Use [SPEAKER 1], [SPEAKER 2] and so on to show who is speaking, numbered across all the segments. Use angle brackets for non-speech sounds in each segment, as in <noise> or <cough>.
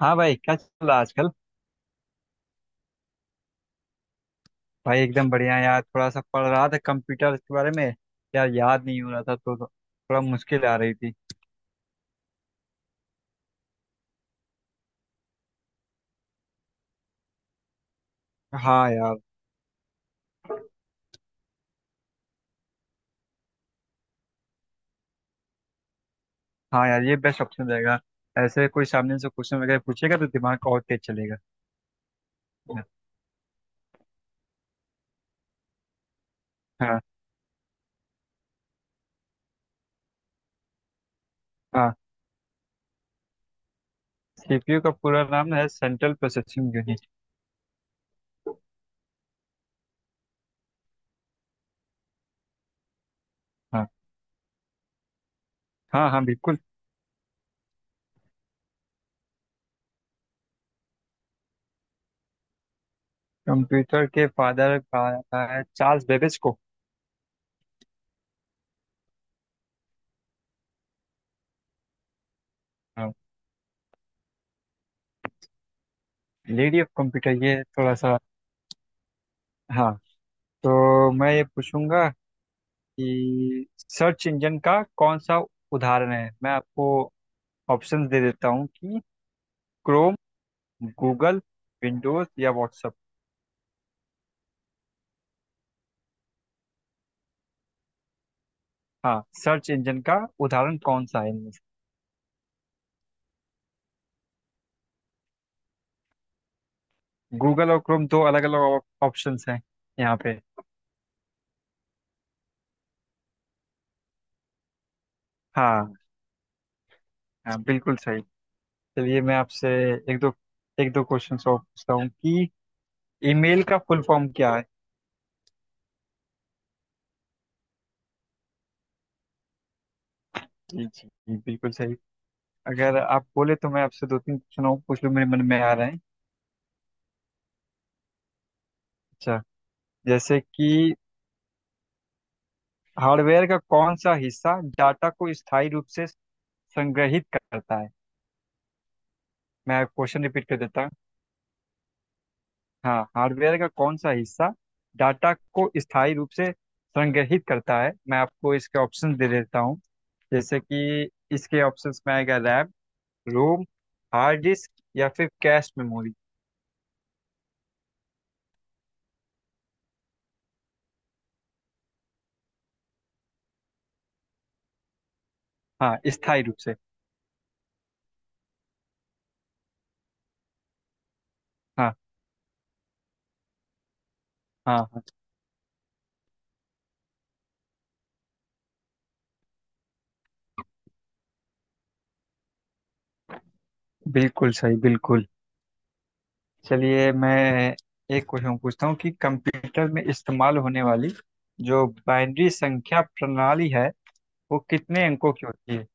[SPEAKER 1] हाँ भाई, क्या चल रहा है आजकल? भाई एकदम बढ़िया यार, थोड़ा सा पढ़ रहा था कंप्यूटर के बारे में। यार, याद नहीं हो रहा था तो थोड़ा मुश्किल आ रही थी। हाँ यार। हाँ यार, ये बेस्ट ऑप्शन रहेगा। ऐसे कोई सामने से क्वेश्चन वगैरह पूछेगा तो दिमाग और तेज चलेगा। हाँ। हाँ, सीपीयू का पूरा नाम है सेंट्रल प्रोसेसिंग यूनिट। हाँ हाँ। हाँ बिल्कुल। कंप्यूटर के फादर है चार्ल्स बेबेज को। हाँ। लेडी ऑफ कंप्यूटर, ये थोड़ा सा। हाँ। तो मैं ये पूछूंगा कि सर्च इंजन का कौन सा उदाहरण है, मैं आपको ऑप्शंस दे देता हूँ कि क्रोम, गूगल, विंडोज या व्हाट्सएप। हाँ, सर्च इंजन का उदाहरण कौन सा है इनमें से? गूगल और क्रोम दो अलग अलग ऑप्शंस हैं यहाँ पे। हाँ। हाँ, बिल्कुल सही। चलिए, मैं आपसे एक दो एक दो क्वेश्चन और पूछता हूँ कि ईमेल का फुल फॉर्म क्या है। जी जी जी, बिल्कुल सही। अगर आप बोले तो मैं आपसे दो तीन क्वेश्चन और पूछ लूँ, मेरे मन में आ रहे हैं। अच्छा, जैसे कि हार्डवेयर का कौन सा हिस्सा डाटा को स्थायी रूप से संग्रहित करता है? मैं क्वेश्चन रिपीट कर देता हूँ। हाँ, हार्डवेयर का कौन सा हिस्सा डाटा को स्थायी रूप से संग्रहित करता है, मैं आपको इसके ऑप्शन दे देता हूँ। जैसे कि इसके ऑप्शंस में आएगा रैम, रोम, हार्ड डिस्क या फिर कैश मेमोरी। हाँ, स्थायी रूप से। हाँ हाँ हाँ। बिल्कुल सही, बिल्कुल। चलिए, मैं एक क्वेश्चन पूछता हूँ कि कंप्यूटर में इस्तेमाल होने वाली जो बाइनरी संख्या प्रणाली है वो कितने अंकों की होती है?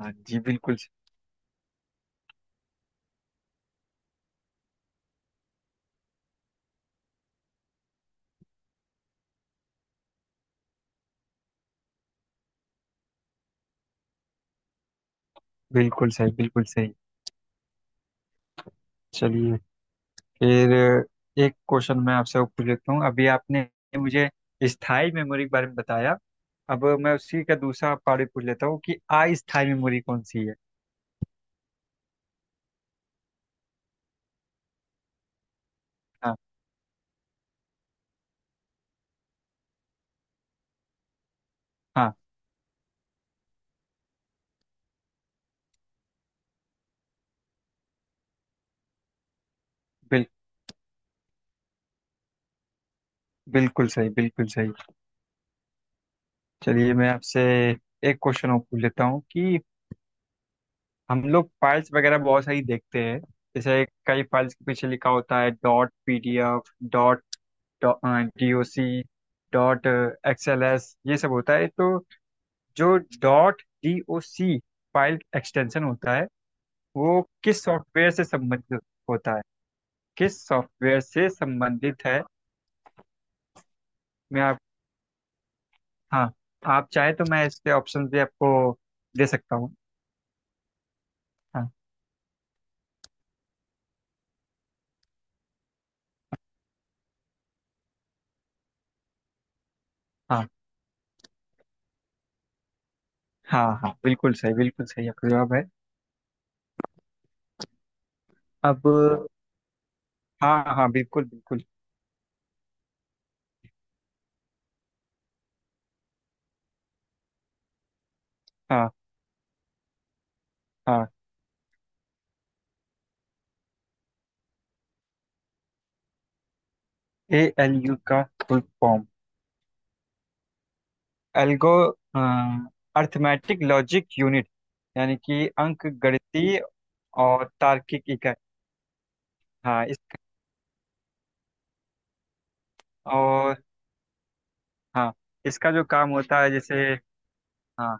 [SPEAKER 1] हाँ जी, बिल्कुल। बिल्कुल सही, बिल्कुल सही। चलिए फिर एक क्वेश्चन मैं आपसे पूछ लेता हूँ, अभी आपने मुझे स्थायी मेमोरी के बारे में बताया। अब मैं उसी का दूसरा पार्ट पूछ लेता हूँ कि अस्थायी मेमोरी कौन सी है? हाँ। हाँ बिल, बिल्कुल सही, बिल्कुल सही। चलिए मैं आपसे एक क्वेश्चन और पूछ लेता हूँ कि हम लोग फाइल्स वगैरह बहुत सारी देखते हैं। जैसे कई फाइल्स के पीछे लिखा होता है dot PDF, dot DOC, dot XLS, ये सब होता है, तो जो डॉट डीओसी फाइल एक्सटेंशन होता है वो किस सॉफ्टवेयर से संबंधित होता है? किस सॉफ्टवेयर से संबंधित है? मैं आप हाँ, आप चाहे तो मैं इसके ऑप्शन भी आपको दे सकता हूँ। हाँ हाँ हाँ। हाँ, बिल्कुल सही, बिल्कुल सही आपका जवाब है। अब। हाँ हाँ, बिल्कुल बिल्कुल। हाँ हाँ। ALU का full form algo arithmetic logic unit, यानी कि अंक गणितीय और तार्किक इकाई। हाँ, इस और। हाँ, इसका जो काम होता है जैसे। हाँ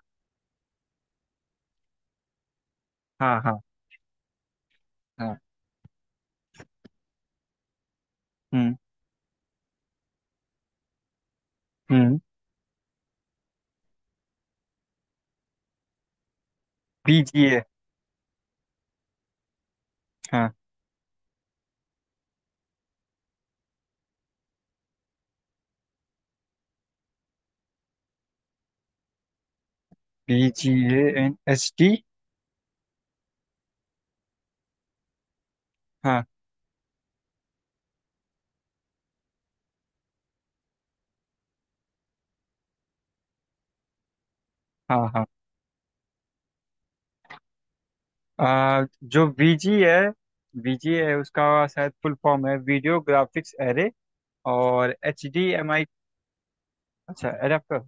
[SPEAKER 1] हाँ। हाँ हाँ। हम्म हम्म। BGA। हाँ। BGANST। हाँ हाँ। हाँ, जो वी जी है VG है उसका शायद फुल फॉर्म है वीडियो ग्राफिक्स एरे। और HDMI। अच्छा, एडाप्टर।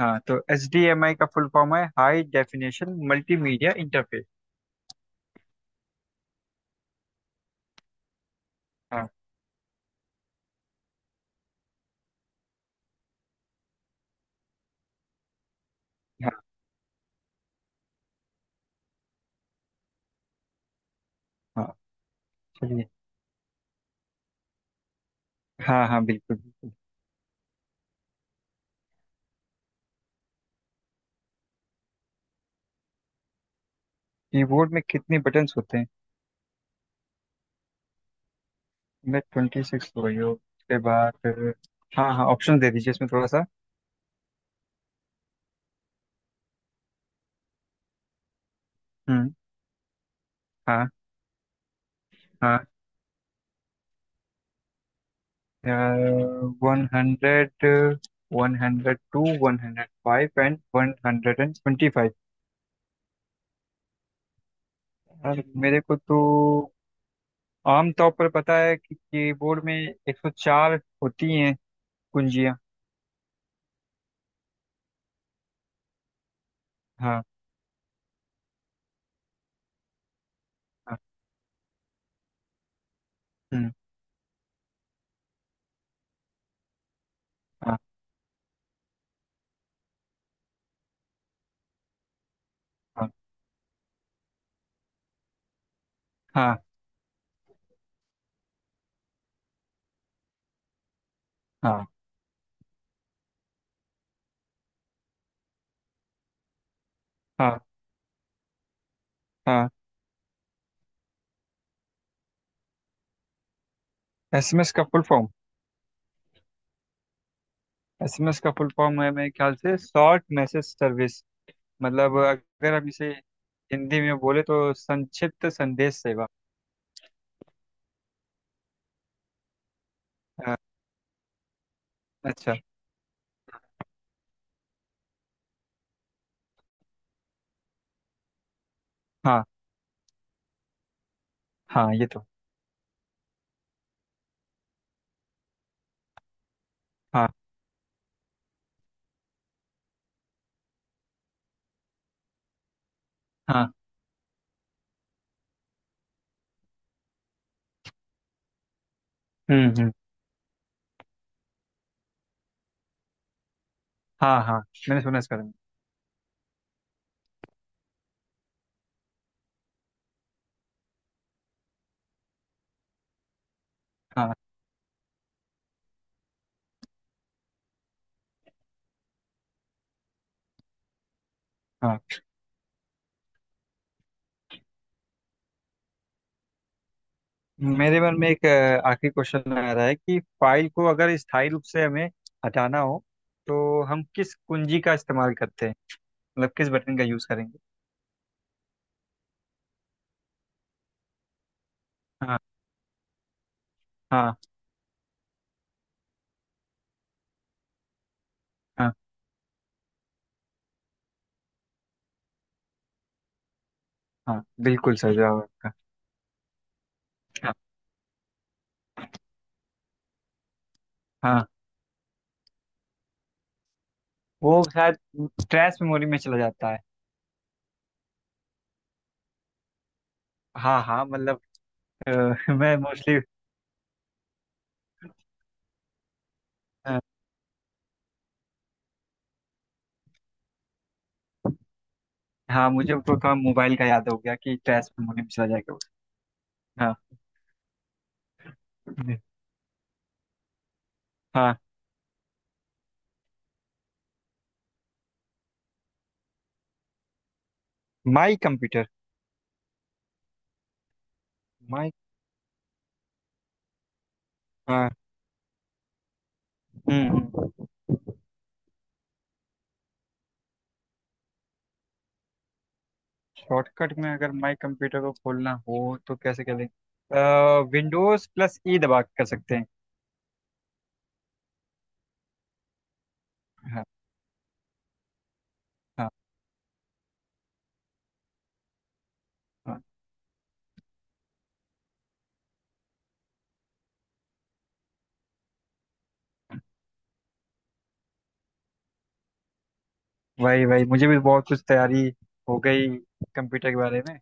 [SPEAKER 1] हाँ, तो HDMI का फुल फॉर्म है हाई डेफिनेशन मल्टीमीडिया इंटरफेस। हाँ। हाँ हाँ। चलिए। हाँ हाँ, बिल्कुल बिल्कुल। कीबोर्ड में कितने बटन्स होते हैं? मैं 26 हो गई हो उसके बाद फिर- हाँ हाँ, ऑप्शन दे दीजिए इसमें थोड़ा सा। हम्म। हाँ। हाँ, 100, 102, 105 एंड 125। यार, मेरे को तो आमतौर पर पता है कि कीबोर्ड में 104 होती हैं कुंजियाँ। हाँ। हाँ। हम्म। हाँ हाँ हाँ हाँ। हाँ हाँ। एसएमएस का फुल फॉर्म, एसएमएस का फुल फॉर्म है मेरे ख्याल से शॉर्ट मैसेज सर्विस। मतलब अगर हम इसे हिंदी में बोले तो संक्षिप्त संदेश सेवा। अ, अच्छा। हाँ हाँ, ये तो। हाँ। हाँ, हम्म। हाँ हाँ, मैंने सुना इसका नाम। हाँ। हाँ। मेरे मन में एक आखिरी क्वेश्चन आ रहा है कि फाइल को अगर स्थायी रूप से हमें हटाना हो तो हम किस कुंजी का इस्तेमाल करते हैं? मतलब किस बटन का यूज करेंगे? हाँ। हाँ। हाँ। हाँ, बिल्कुल सही जवाब है आपका। हाँ, वो शायद स्ट्रेस मेमोरी में चला जाता है। हाँ हाँ, मतलब अ, <laughs> मैं मोस्टली। हाँ, मुझे तो थोड़ा मोबाइल का याद हो गया कि ट्रैश मेमोरी में चला जाएगा वो। हाँ। हाँ। माई कंप्यूटर माई हाँ। हम्म हम्म। शॉर्टकट में अगर माई कंप्यूटर को खोलना हो तो कैसे करें? विंडोज प्लस ई दबा के कर सकते हैं। हाँ। हाँ। हाँ। वही वही, मुझे भी बहुत कुछ तैयारी हो गई कंप्यूटर के बारे में।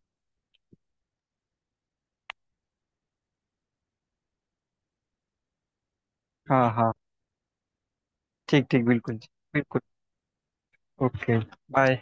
[SPEAKER 1] हाँ। हाँ। ठीक ठीक, बिल्कुल बिल्कुल। ओके। बाय।